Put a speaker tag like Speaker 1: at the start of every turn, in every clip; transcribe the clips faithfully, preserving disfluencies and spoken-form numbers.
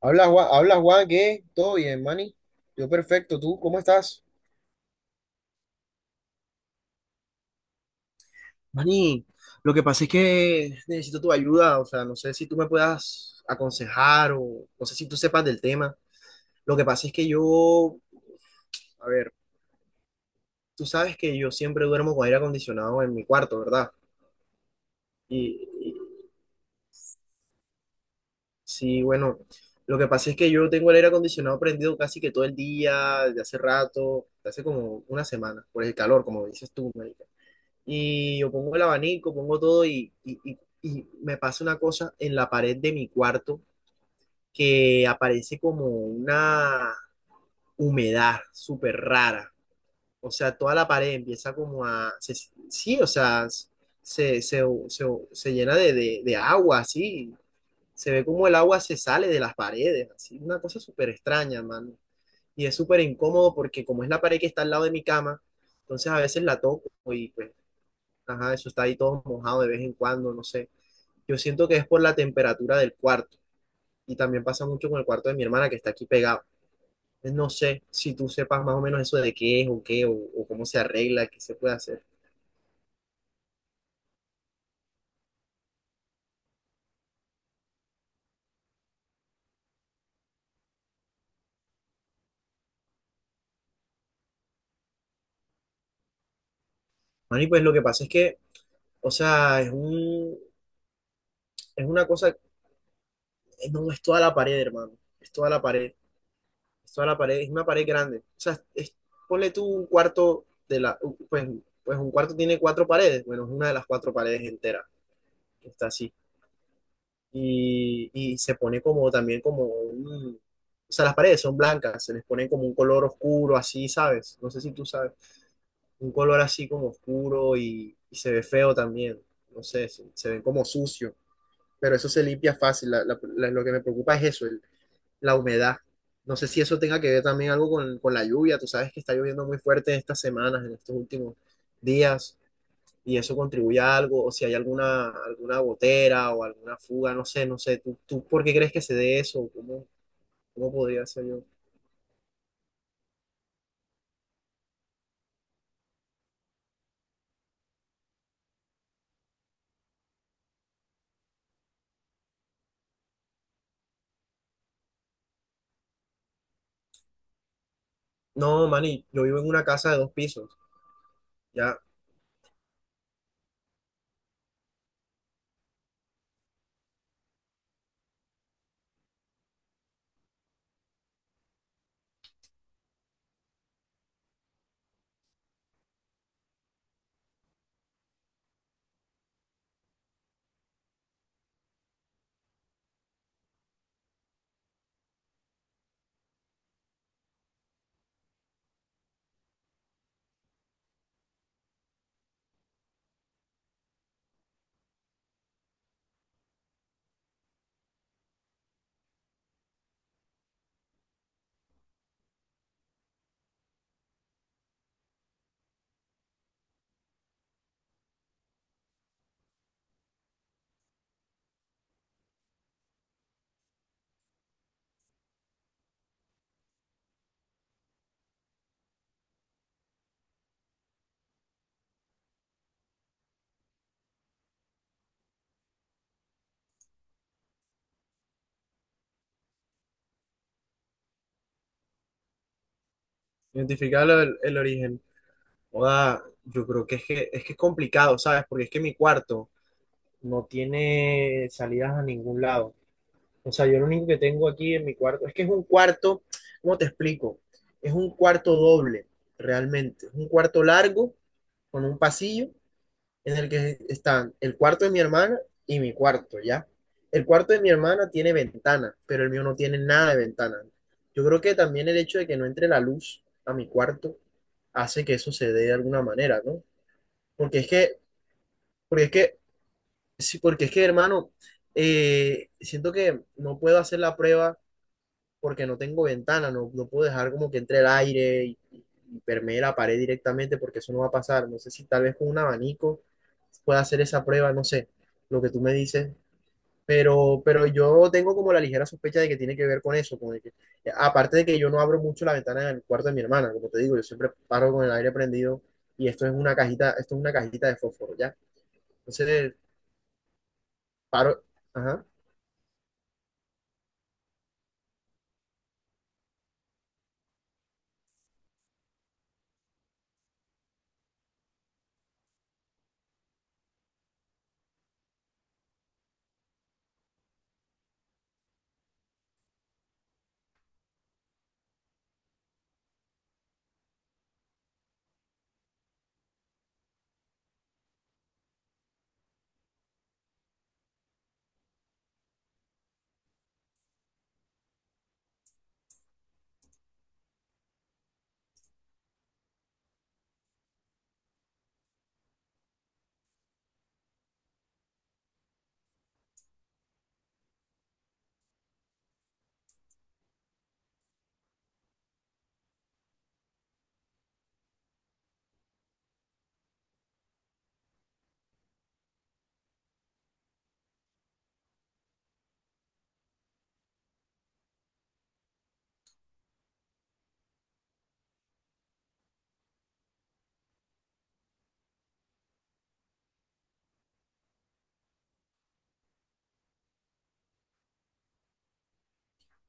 Speaker 1: Habla Juan, habla Juan, ¿qué? ¿Todo bien, Manny? Yo perfecto, ¿tú cómo estás? Mani, lo que pasa es que necesito tu ayuda, o sea, no sé si tú me puedas aconsejar o no sé si tú sepas del tema. Lo que pasa es que yo, a ver, tú sabes que yo siempre duermo con aire acondicionado en mi cuarto, ¿verdad? Y, y sí, bueno, lo que pasa es que yo tengo el aire acondicionado prendido casi que todo el día, desde hace rato, desde hace como una semana, por el calor, como dices tú, marica. Y yo pongo el abanico, pongo todo y, y- y- y me pasa una cosa en la pared de mi cuarto que aparece como una humedad súper rara. O sea, toda la pared empieza como a... se- sí, o sea, se, se- se- se llena de, de- de agua, así. Se ve como el agua se sale de las paredes, así. Una cosa súper extraña, mano. Y es súper incómodo porque como es la pared que está al lado de mi cama, entonces a veces la toco y pues ajá, eso está ahí todo mojado de vez en cuando, no sé. Yo siento que es por la temperatura del cuarto y también pasa mucho con el cuarto de mi hermana que está aquí pegado. Entonces, no sé si tú sepas más o menos eso de qué es o qué o, o cómo se arregla, qué se puede hacer. Mani, pues lo que pasa es que, o sea, es un, es una cosa, eh, no es toda la pared, hermano, es toda la pared, es toda la pared, es una pared grande. O sea, es- ponle tú un cuarto de la, pues, pues un cuarto tiene cuatro paredes, bueno, es una de las cuatro paredes entera, está así. y, y se pone como también como un... O sea, las paredes son blancas, se les pone como un color oscuro, así, ¿sabes? No sé si tú sabes, un color así como oscuro y, y se ve feo también, no sé, se, se ven como sucio, pero eso se limpia fácil, la- la- la- lo que me preocupa es eso, el- la humedad. No sé si eso tenga que ver también algo con, con la lluvia, tú sabes que está lloviendo muy fuerte estas semanas, en estos últimos días y eso contribuye a algo, o si hay alguna, alguna gotera o alguna fuga, no sé, no sé, ¿tú, tú por qué crees que se dé eso? ¿Cómo, cómo podría ser yo? No, Manny, yo vivo en una casa de dos pisos, ya, identificar el, el origen. Joda, yo creo que es que, es que es complicado, ¿sabes? Porque es que mi cuarto no tiene salidas a ningún lado. O sea, yo lo único que tengo aquí en mi cuarto, es que es un cuarto, ¿cómo te explico? Es un cuarto doble, realmente. Es un cuarto largo con un pasillo en el que están el cuarto de mi hermana y mi cuarto, ¿ya? El cuarto de mi hermana tiene ventana, pero el mío no tiene nada de ventana. Yo creo que también el hecho de que no entre la luz a mi cuarto hace que eso se dé de alguna manera, ¿no? Porque es que, porque es que, sí, porque es que, hermano, eh, siento que no puedo hacer la prueba porque no tengo ventana, no, no puedo dejar como que entre el aire y, y permee la pared directamente porque eso no va a pasar. No sé si tal vez con un abanico pueda hacer esa prueba, no sé, lo que tú me dices, pero, pero yo tengo como la ligera sospecha de que tiene que ver con eso, con el que- aparte de que yo no abro mucho la ventana del cuarto de mi hermana, como te digo, yo siempre paro con el aire prendido y esto es una cajita, esto es una cajita de fósforo, ¿ya? Entonces paro, ajá.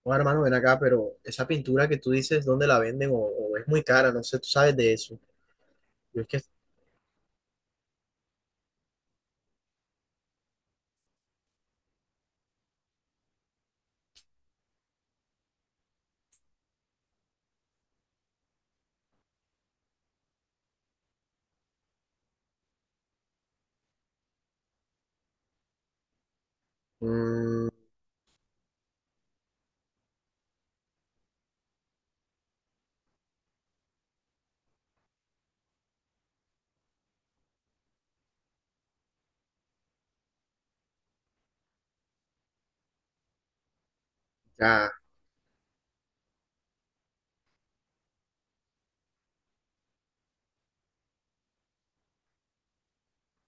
Speaker 1: Bueno, hermano, ven acá, pero esa pintura que tú dices, ¿dónde la venden? O, o es muy cara, no sé, tú sabes de eso. Yo es que. Mm, ya,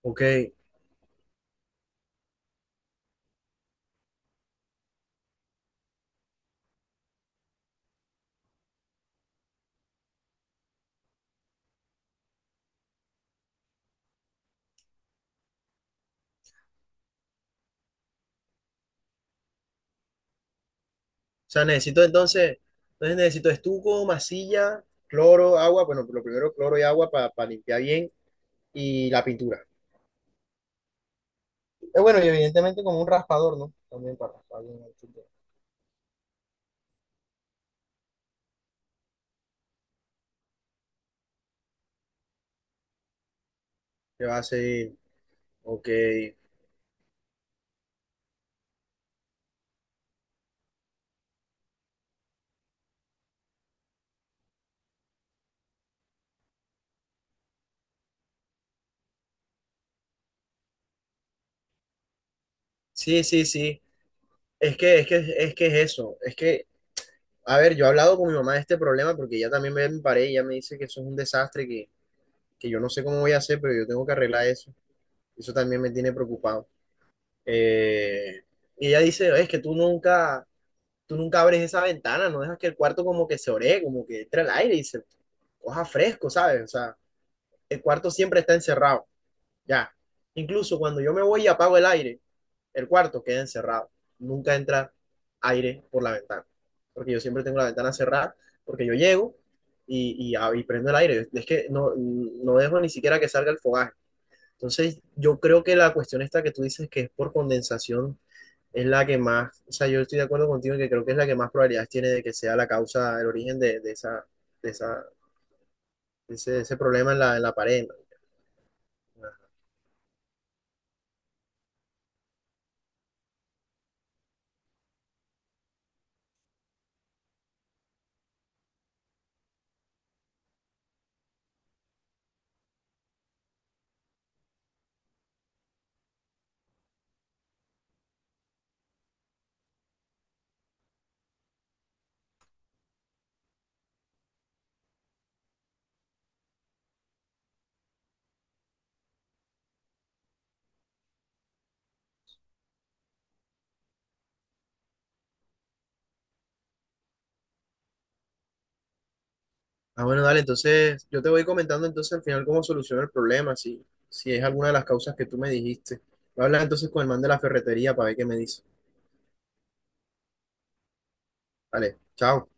Speaker 1: ok. O sea, necesito entonces. Entonces necesito estuco, masilla, cloro, agua. Bueno, lo primero cloro y agua para limpiar bien. Y la pintura. Eh, bueno, y evidentemente como un raspador, ¿no? También para raspar bien el fútbol. ¿Qué va a seguir? Ok. Sí, sí, sí. Es que, es que, es que es eso. Es que, a ver, yo he hablado con mi mamá de este problema porque ella también me, me paré y ella me dice que eso es un desastre, que, que yo no sé cómo voy a hacer, pero yo tengo que arreglar eso. Eso también me tiene preocupado. Eh, y ella dice, es que tú nunca, tú nunca abres esa ventana, no dejas que el cuarto como que se ore, como que entre el aire y se coja fresco, ¿sabes? O sea, el cuarto siempre está encerrado, ya. Incluso cuando yo me voy y apago el aire, el cuarto queda encerrado. Nunca entra aire por la ventana, porque yo siempre tengo la ventana cerrada, porque yo llego y, y, ab- y prendo el aire. Es que no, no dejo ni siquiera que salga el fogaje. Entonces, yo creo que la cuestión esta que tú dices que es por condensación es la que más, o sea, yo estoy de acuerdo contigo en que creo que es la que más probabilidades tiene de que sea la causa, el origen de, de esa, de esa, de ese, de ese problema en la, en la pared. ¿No? Ah, bueno, dale, entonces yo te voy comentando entonces al final cómo soluciono el problema, si, si es alguna de las causas que tú me dijiste. Voy a hablar entonces con el man de la ferretería para ver qué me dice. Vale, chao.